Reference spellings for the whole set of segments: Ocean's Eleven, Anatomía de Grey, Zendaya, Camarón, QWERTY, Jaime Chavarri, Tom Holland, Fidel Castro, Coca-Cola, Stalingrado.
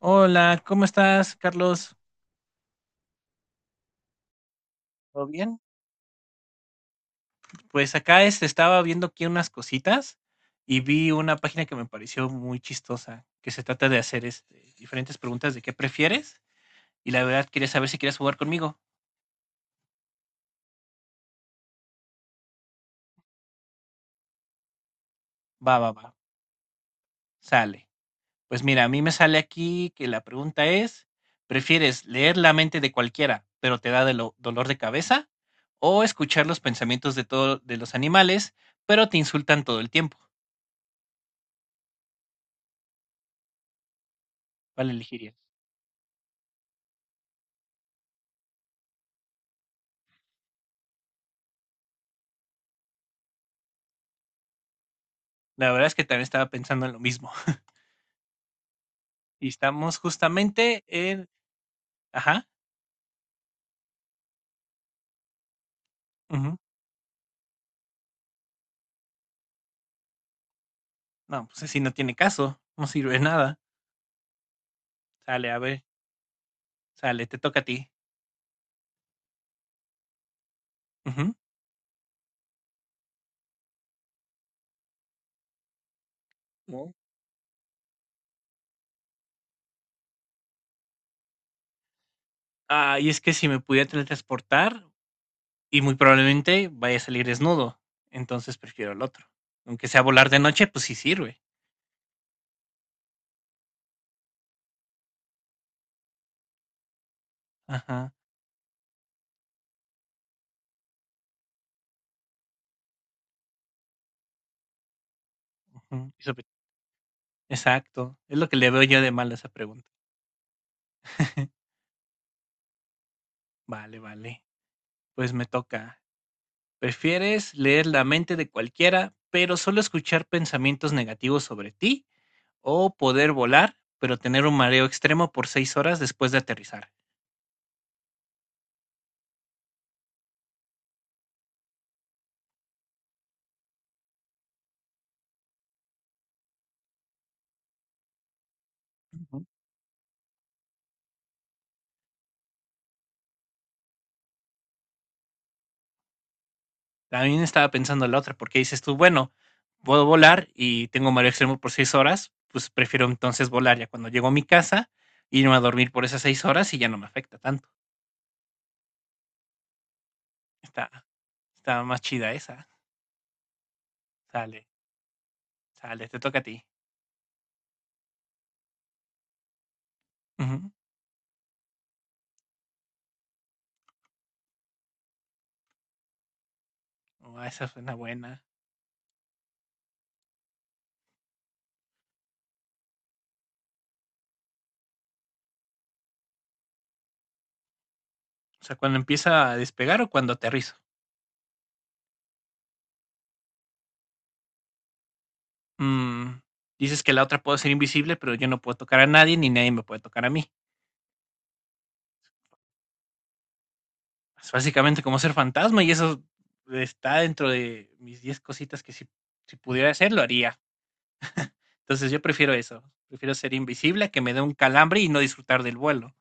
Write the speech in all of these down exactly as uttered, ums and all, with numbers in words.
Hola, ¿cómo estás, Carlos? ¿Todo bien? Pues acá este, estaba viendo aquí unas cositas y vi una página que me pareció muy chistosa, que se trata de hacer este, diferentes preguntas de qué prefieres y la verdad quería saber si quieres jugar conmigo. Va, va, va, sale. Pues mira, a mí me sale aquí que la pregunta es, ¿prefieres leer la mente de cualquiera, pero te da de lo- dolor de cabeza? ¿O escuchar los pensamientos de todo, de los animales, pero te insultan todo el tiempo? ¿Cuál elegirías? La verdad es que también estaba pensando en lo mismo. Y estamos justamente en. Ajá. Ujú. No, pues así no tiene caso. No sirve de nada. Sale, a ver. Sale, te toca a ti. Ujú. ¿No? Ah, y es que si me pudiera teletransportar, y muy probablemente vaya a salir desnudo. Entonces prefiero el otro. Aunque sea volar de noche, pues sí sirve. Ajá. Ujú. Y sobre- exacto. Es lo que le veo yo de mal a esa pregunta. Vale, vale. Pues me toca. ¿Prefieres leer la mente de cualquiera, pero solo escuchar pensamientos negativos sobre ti? ¿O poder volar, pero tener un mareo extremo por seis horas después de aterrizar? Ujú. También estaba pensando en la otra, porque dices tú, bueno, puedo volar y tengo mareo extremo por seis horas, pues prefiero entonces volar ya cuando llego a mi casa, irme a dormir por esas seis horas y ya no me afecta tanto. Está, está más chida esa. Sale, sale, te toca a ti. Ujú. Ah, esa fue una buena. O sea, ¿cuando empieza a despegar o cuando aterriza? Mm, dices que la otra puede ser invisible, pero yo no puedo tocar a nadie ni nadie me puede tocar a mí. Es básicamente como ser fantasma y eso está dentro de mis diez cositas que si, si pudiera hacer lo haría. Entonces yo prefiero eso. Prefiero ser invisible, que me dé un calambre y no disfrutar del vuelo.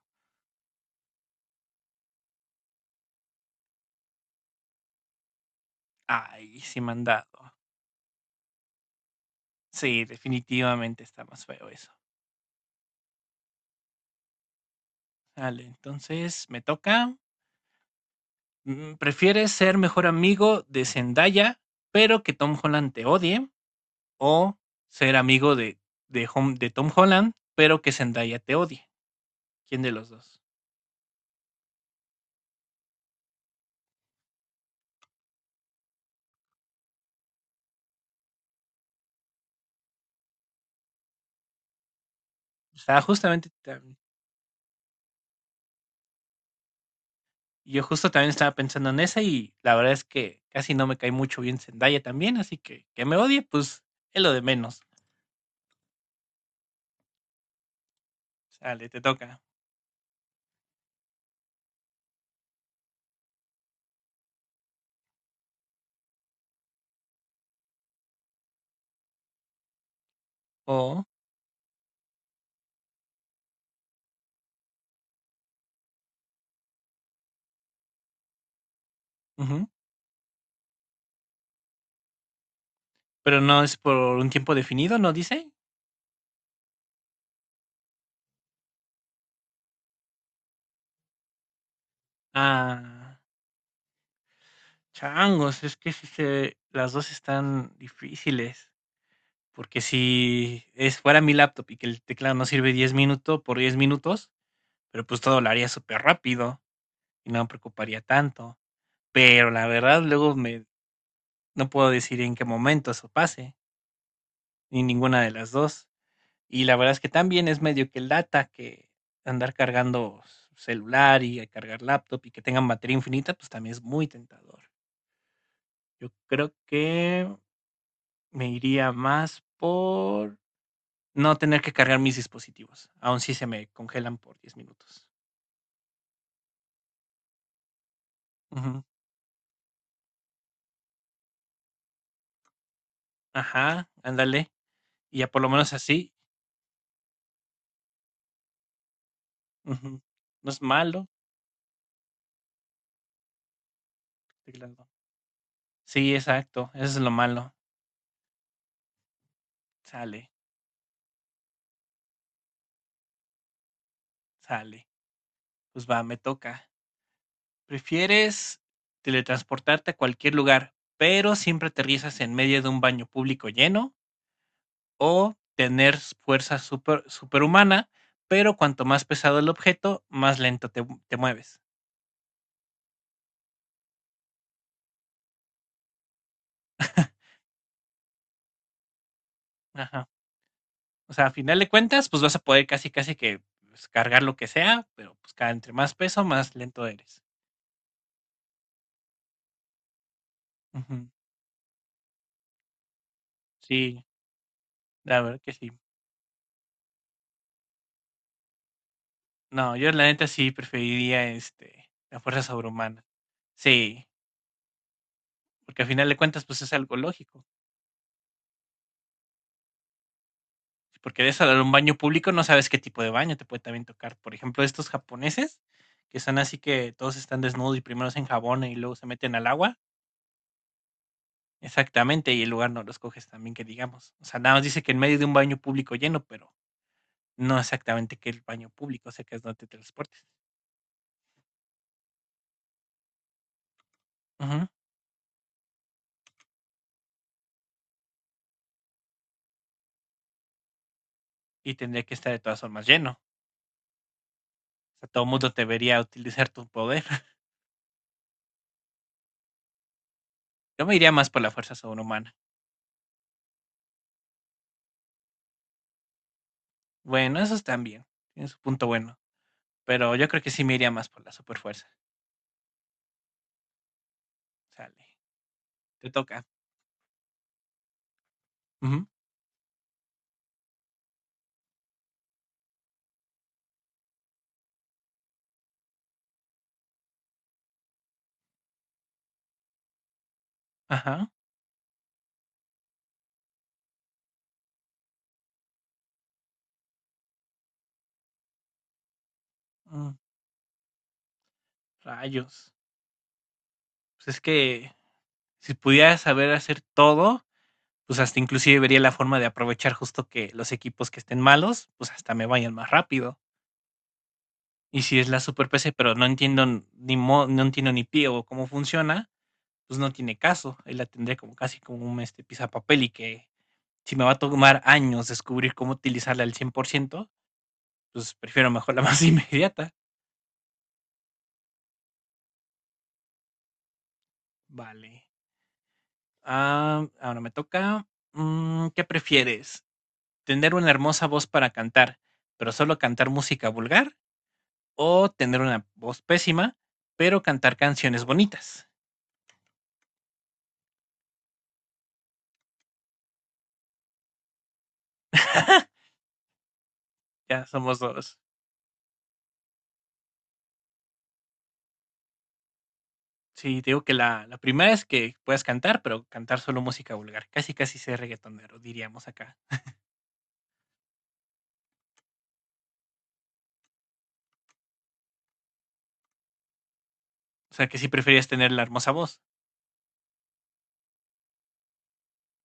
Ay, sí me han dado. Sí, definitivamente está más feo eso. Vale, entonces me toca. Mm, ¿Prefieres ser mejor amigo de Zendaya, pero que Tom Holland te odie? O ser amigo de, de, Hom- de Tom Holland, pero que Zendaya te odie. ¿Quién de los dos? Estaba justamente. Tam- yo justo también estaba pensando en esa y la verdad es que casi no me cae mucho bien Zendaya también, así que que me odie, pues es lo de menos. Sale, te toca. O. Ujú. ¿Pero no es por un tiempo definido, no dice? Ah, changos, es que si se, las dos están difíciles. Porque si es fuera mi laptop y que el teclado no sirve diez minutos por diez minutos, pero pues todo lo haría súper rápido y no me preocuparía tanto. Pero la verdad, luego me, no puedo decir en qué momento eso pase, ni ninguna de las dos. Y la verdad es que también es medio que lata que andar cargando celular y cargar laptop y que tengan batería infinita, pues también es muy tentador. Yo creo que me iría más por no tener que cargar mis dispositivos, aun si se me congelan por diez minutos. Ujú. Ajá, ándale. Y ya por lo menos así, ujú. No es malo, teclado. Sí, exacto, eso es lo malo. Sale, sale. Pues va, me toca. ¿Prefieres teletransportarte a cualquier lugar, pero siempre aterrizas en medio de un baño público lleno? ¿O tener fuerza super, superhumana, pero cuanto más pesado el objeto, más lento te, te mueves? Ajá. O sea, a final de cuentas, pues vas a poder casi, casi que pues, cargar lo que sea, pero pues cada entre más peso, más lento eres. Ujú. Sí, la verdad que sí. No, yo la neta sí preferiría, este, la fuerza sobrehumana. Sí, porque al final de cuentas, pues es algo lógico. Si porque eres a un baño público, no sabes qué tipo de baño te puede también tocar. Por ejemplo, estos japoneses, que son así que todos están desnudos y primero se enjabonan y luego se meten al agua. Exactamente, y el lugar no los coges también, que digamos. O sea, nada más dice que en medio de un baño público lleno, pero no exactamente que el baño público, o sea, que es donde te transportes. Ujú. Y tendría que estar de todas formas lleno. O sea, todo el mundo debería utilizar tu poder. Yo me iría más por la fuerza sobrehumana. Bueno, esos bien, tienen su punto bueno. Pero yo creo que sí me iría más por la superfuerza. Sale. Te toca. Ujú. Ajá. Mm, rayos. Pues es que si pudiera saber hacer todo, pues hasta inclusive vería la forma de aprovechar justo que los equipos que estén malos, pues hasta me vayan más rápido. Y si es la super P C, pero no entiendo n- ni mo- no entiendo ni pie o cómo funciona, pues no tiene caso. Ahí la tendría como casi como un este, papel y que si me va a tomar años descubrir cómo utilizarla al cien por ciento, pues prefiero mejor la más inmediata. Vale. Ah, ahora me toca. Mm, ¿qué prefieres? ¿Tener una hermosa voz para cantar, pero solo cantar música vulgar? ¿O tener una voz pésima, pero cantar canciones bonitas? Ya somos dos. Sí, te digo que la, la primera es que puedas cantar, pero cantar solo música vulgar. Casi, casi ser reggaetonero, diríamos acá. O sea, que sí prefieres tener la hermosa voz.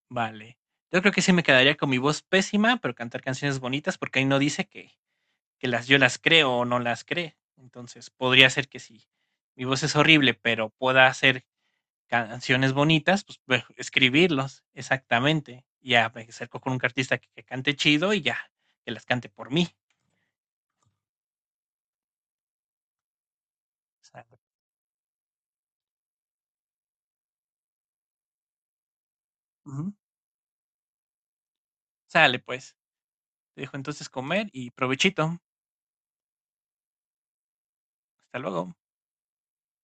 Vale. Yo creo que sí me quedaría con mi voz pésima, pero cantar canciones bonitas, porque ahí no dice que, que las yo las creo o no las cree. Entonces, podría ser que sí. Mi voz es horrible, pero pueda hacer canciones bonitas, pues bueno, escribirlos, exactamente. Y ya me acerco con un artista que, que cante chido y ya, que las cante por mí. Sale. Ujú. Sale, pues. Te dejo entonces comer y provechito. Hasta luego.